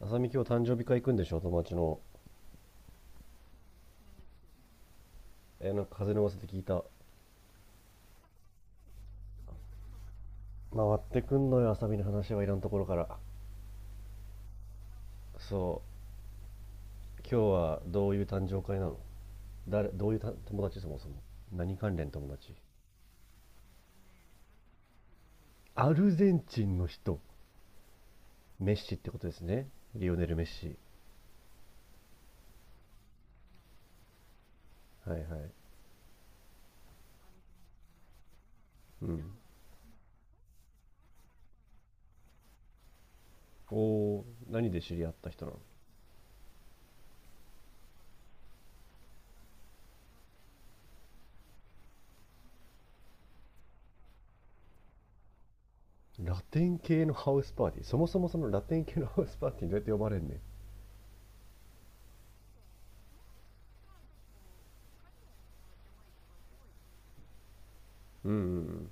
あさみ今日誕生日会行くんでしょ友達の？え、なんか風の噂で聞いた。回ってくんのよ、あさみの話はいらんところから。そう。今日はどういう誕生会なの？誰、どういうた友達そもそも。何関連友達？アルゼンチンの人。メッシってことですね。リオネル・メッシ。はいはい。うん。おお、何で知り合った人なの？ラテン系のハウスパーティー。そもそもそのラテン系のハウスパーティーにどうやって呼ばれんねん。うんうん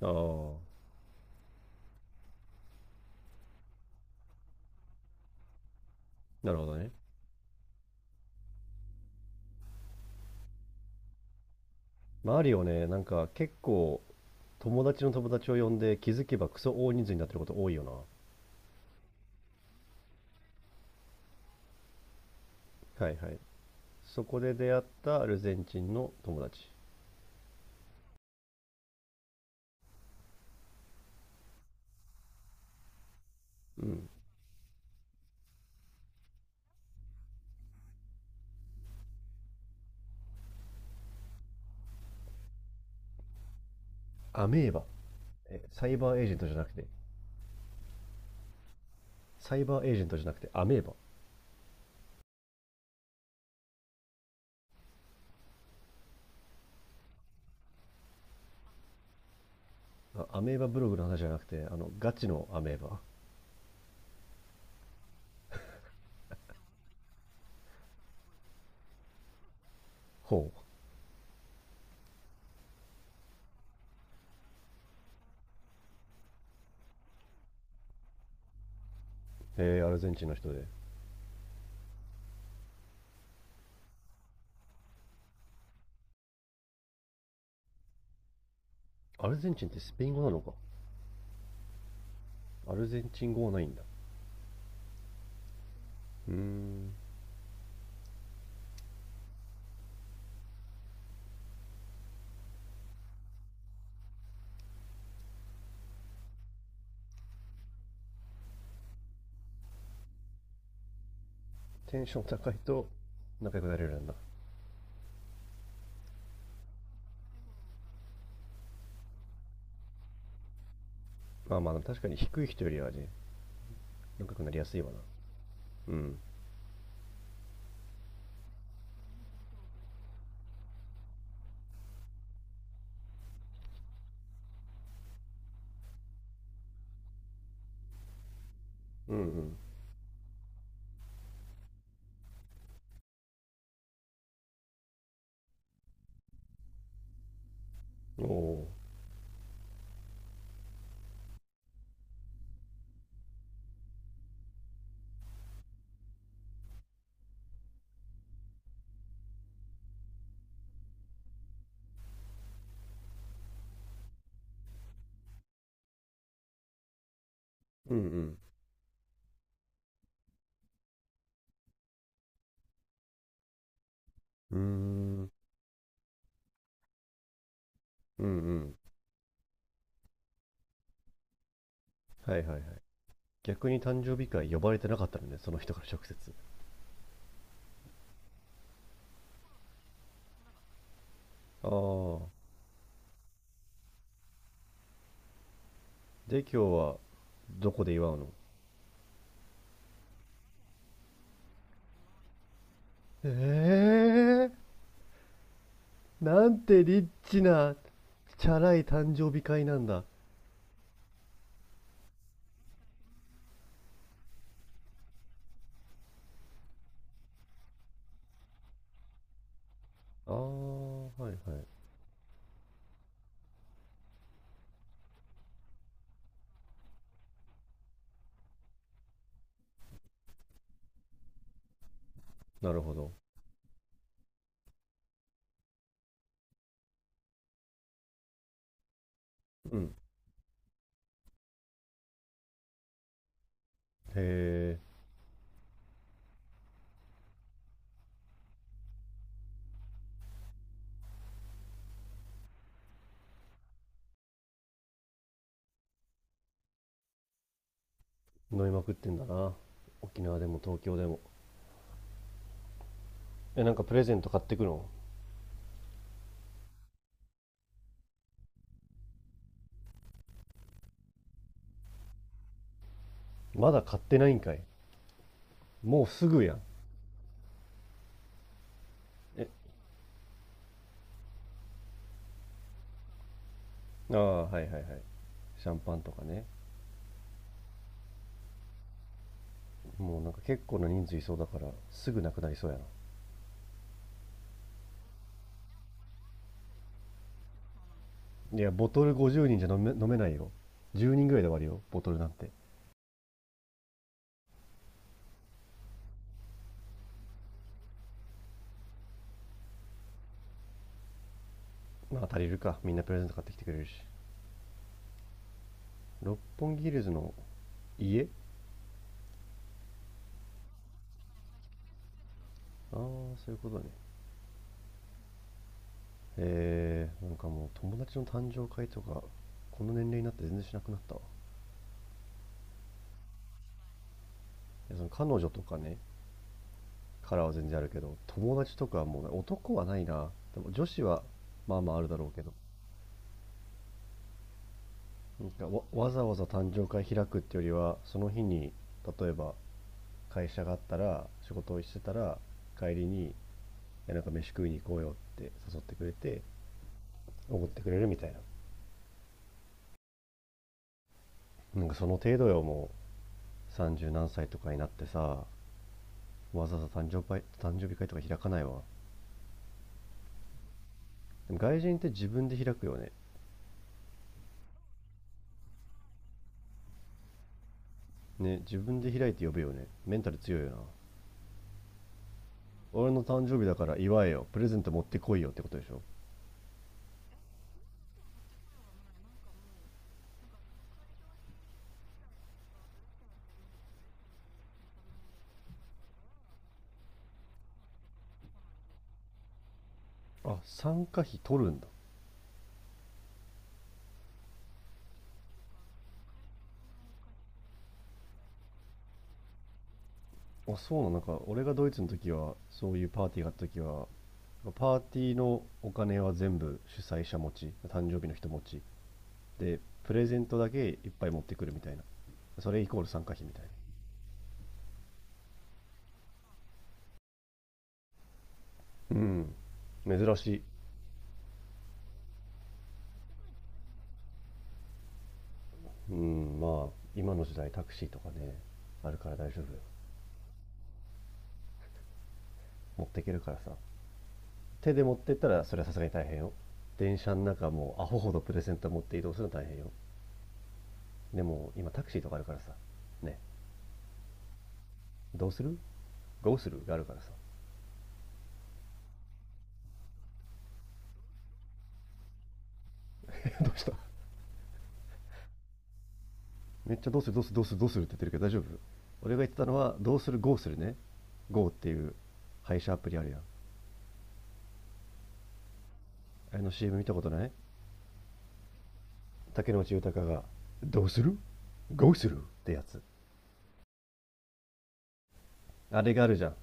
うん。ああ、なるほどね。マリオね、なんか結構友達の友達を呼んで気づけばクソ大人数になってること多いよな。はいはい。そこで出会ったアルゼンチンの友達？うん。アメーバ？え、サイバーエージェントじゃなくて？サイバーエージェントじゃなくてアメーバ？あ、アメーバブログの話じゃなくてあのガチのアメーバ？ほう。えー、アルゼンチンの人で？アルゼンチンってスペイン語なのか。アルゼンチン語はないんだ。うーん。テンション高いと仲良くなれるんだ？まあまあ確かに低い人よりはね、仲良くなりやすいわな。うん。うんうん。おお。うんうん。うーん。うんうん。はいはいはい。逆に誕生日会呼ばれてなかったのね、その人から直接。ああ。で、今日は、どこで祝うの？ええー、なんてリッチな、チャラい誕生日会なんだ。ああ、はいはい。なるほど。うん。へえ、飲みまくってんだな。沖縄でも東京でも。え、なんかプレゼント買ってくの？まだ買ってないんかい。もうすぐやん。え。ああ、はいはいはい。シャンパンとかね。もうなんか結構な人数いそうだからすぐなくなりそうやな。いや、ボトル50人じゃ飲めないよ。10人ぐらいで終わるよ、ボトルなんて。まあ足りるか。みんなプレゼント買ってきてくれるし。六本木ヒルズの家あ？あ、そういうことね。えー、なんかもう友達の誕生会とか、この年齢になって全然しなくなったわ。いや、その彼女とかね、からは全然あるけど、友達とかはもうね、男はないな。でも女子はまあまああるだろうけど。なんかわざわざ誕生会開くってよりは、その日に例えば会社があったら仕事をしてたら帰りに、いやなんか飯食いに行こうよって誘ってくれておごってくれるみたいな。なんかその程度よ。もう30何歳とかになってさ、わざわざ誕生日会とか開かないわ。でも外人って自分で開くよね。ね、自分で開いて呼ぶよね。メンタル強いよな。俺の誕生日だから祝えよ、プレゼント持ってこいよってことでしょ？あ、参加費取るんだ？あ、そうなの？なんか、俺がドイツの時は、そういうパーティーがあった時は、パーティーのお金は全部主催者持ち、誕生日の人持ち。で、プレゼントだけいっぱい持ってくるみたいな。それイコール参加費みたいな。うん。珍しい。うん、まあ、今の時代タクシーとかね、あるから大丈夫よ。持っていけるからさ。手で持ってったら、それはさすがに大変よ。電車の中もうアホほどプレゼント持って移動するの大変よ。でも、今タクシーとかあるからさ。ね。どうする？どうするがあるからさ。どうした？めっちゃどうするどうするどうするどうするって言ってるけど大丈夫？俺が言ってたのはどうする GO するね。 GO っていう配車アプリあるやん。あれの CM 見たことない？竹野内豊がどうする ?GO するってやつ、あれがあるじゃん。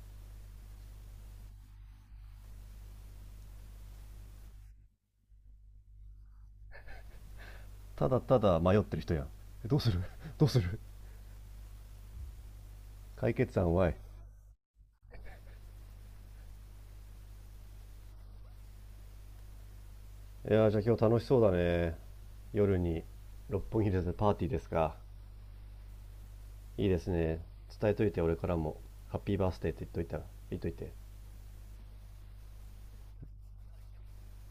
ただただ迷ってる人やん。どうする、 どうする？解決案はい。いやー、じゃあ今日楽しそうだね。夜に六本木でパーティーですか？いいですね。伝えといて、俺からもハッピーバースデーって言っといて。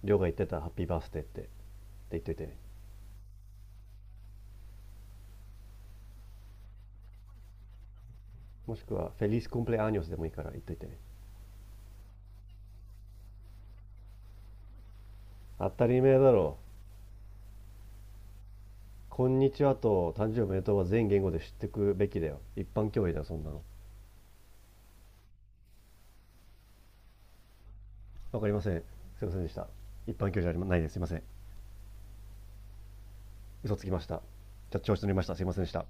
亮が言ってたハッピーバースデーって言っといてね。もしくはフェリスコンプレアニョスでもいいから言っといて。当たり前だろ。こんにちはと誕生日おめでとうは全言語で知ってくべきだよ。一般教養だよ、そんなの。わかりません。すいませんでした。一般教養じゃないです。すいません。嘘つきました。じゃ調子乗りました。すいませんでした。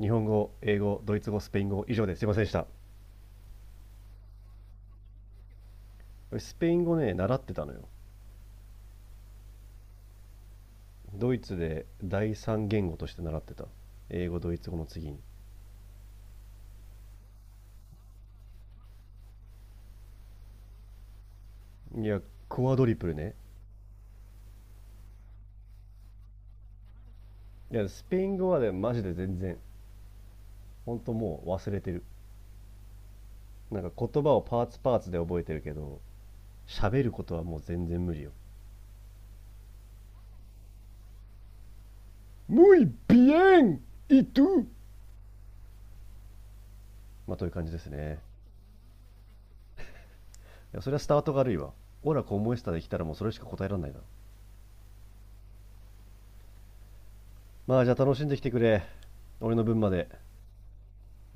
日本語、英語、ドイツ語、スペイン語、以上です。すいませんでした。スペイン語ね、習ってたのよ。ドイツで第三言語として習ってた。英語、ドイツ語の次に。いや、クワドリプルね。いや、スペイン語はね、マジで全然、ほんともう忘れてる。なんか言葉をパーツパーツで覚えてるけど喋ることはもう全然無理よ。muy bien y tú まあという感じですね。いやそれはスタートが悪いわ。オラコモエスタで来たらもうそれしか答えられないな。まあじゃあ楽しんできてくれ。俺の分まで。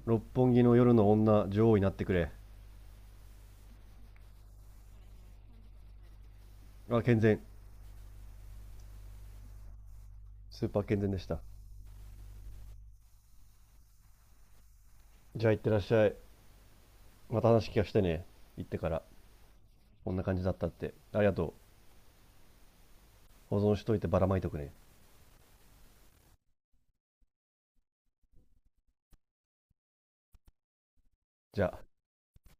六本木の夜の女王になってくれ。あ、健全。スーパー健全でした。じゃあ行ってらっしゃい。また話聞かしてね。行ってから。こんな感じだったって。ありがとう。保存しといてばらまいとくね。じゃあ。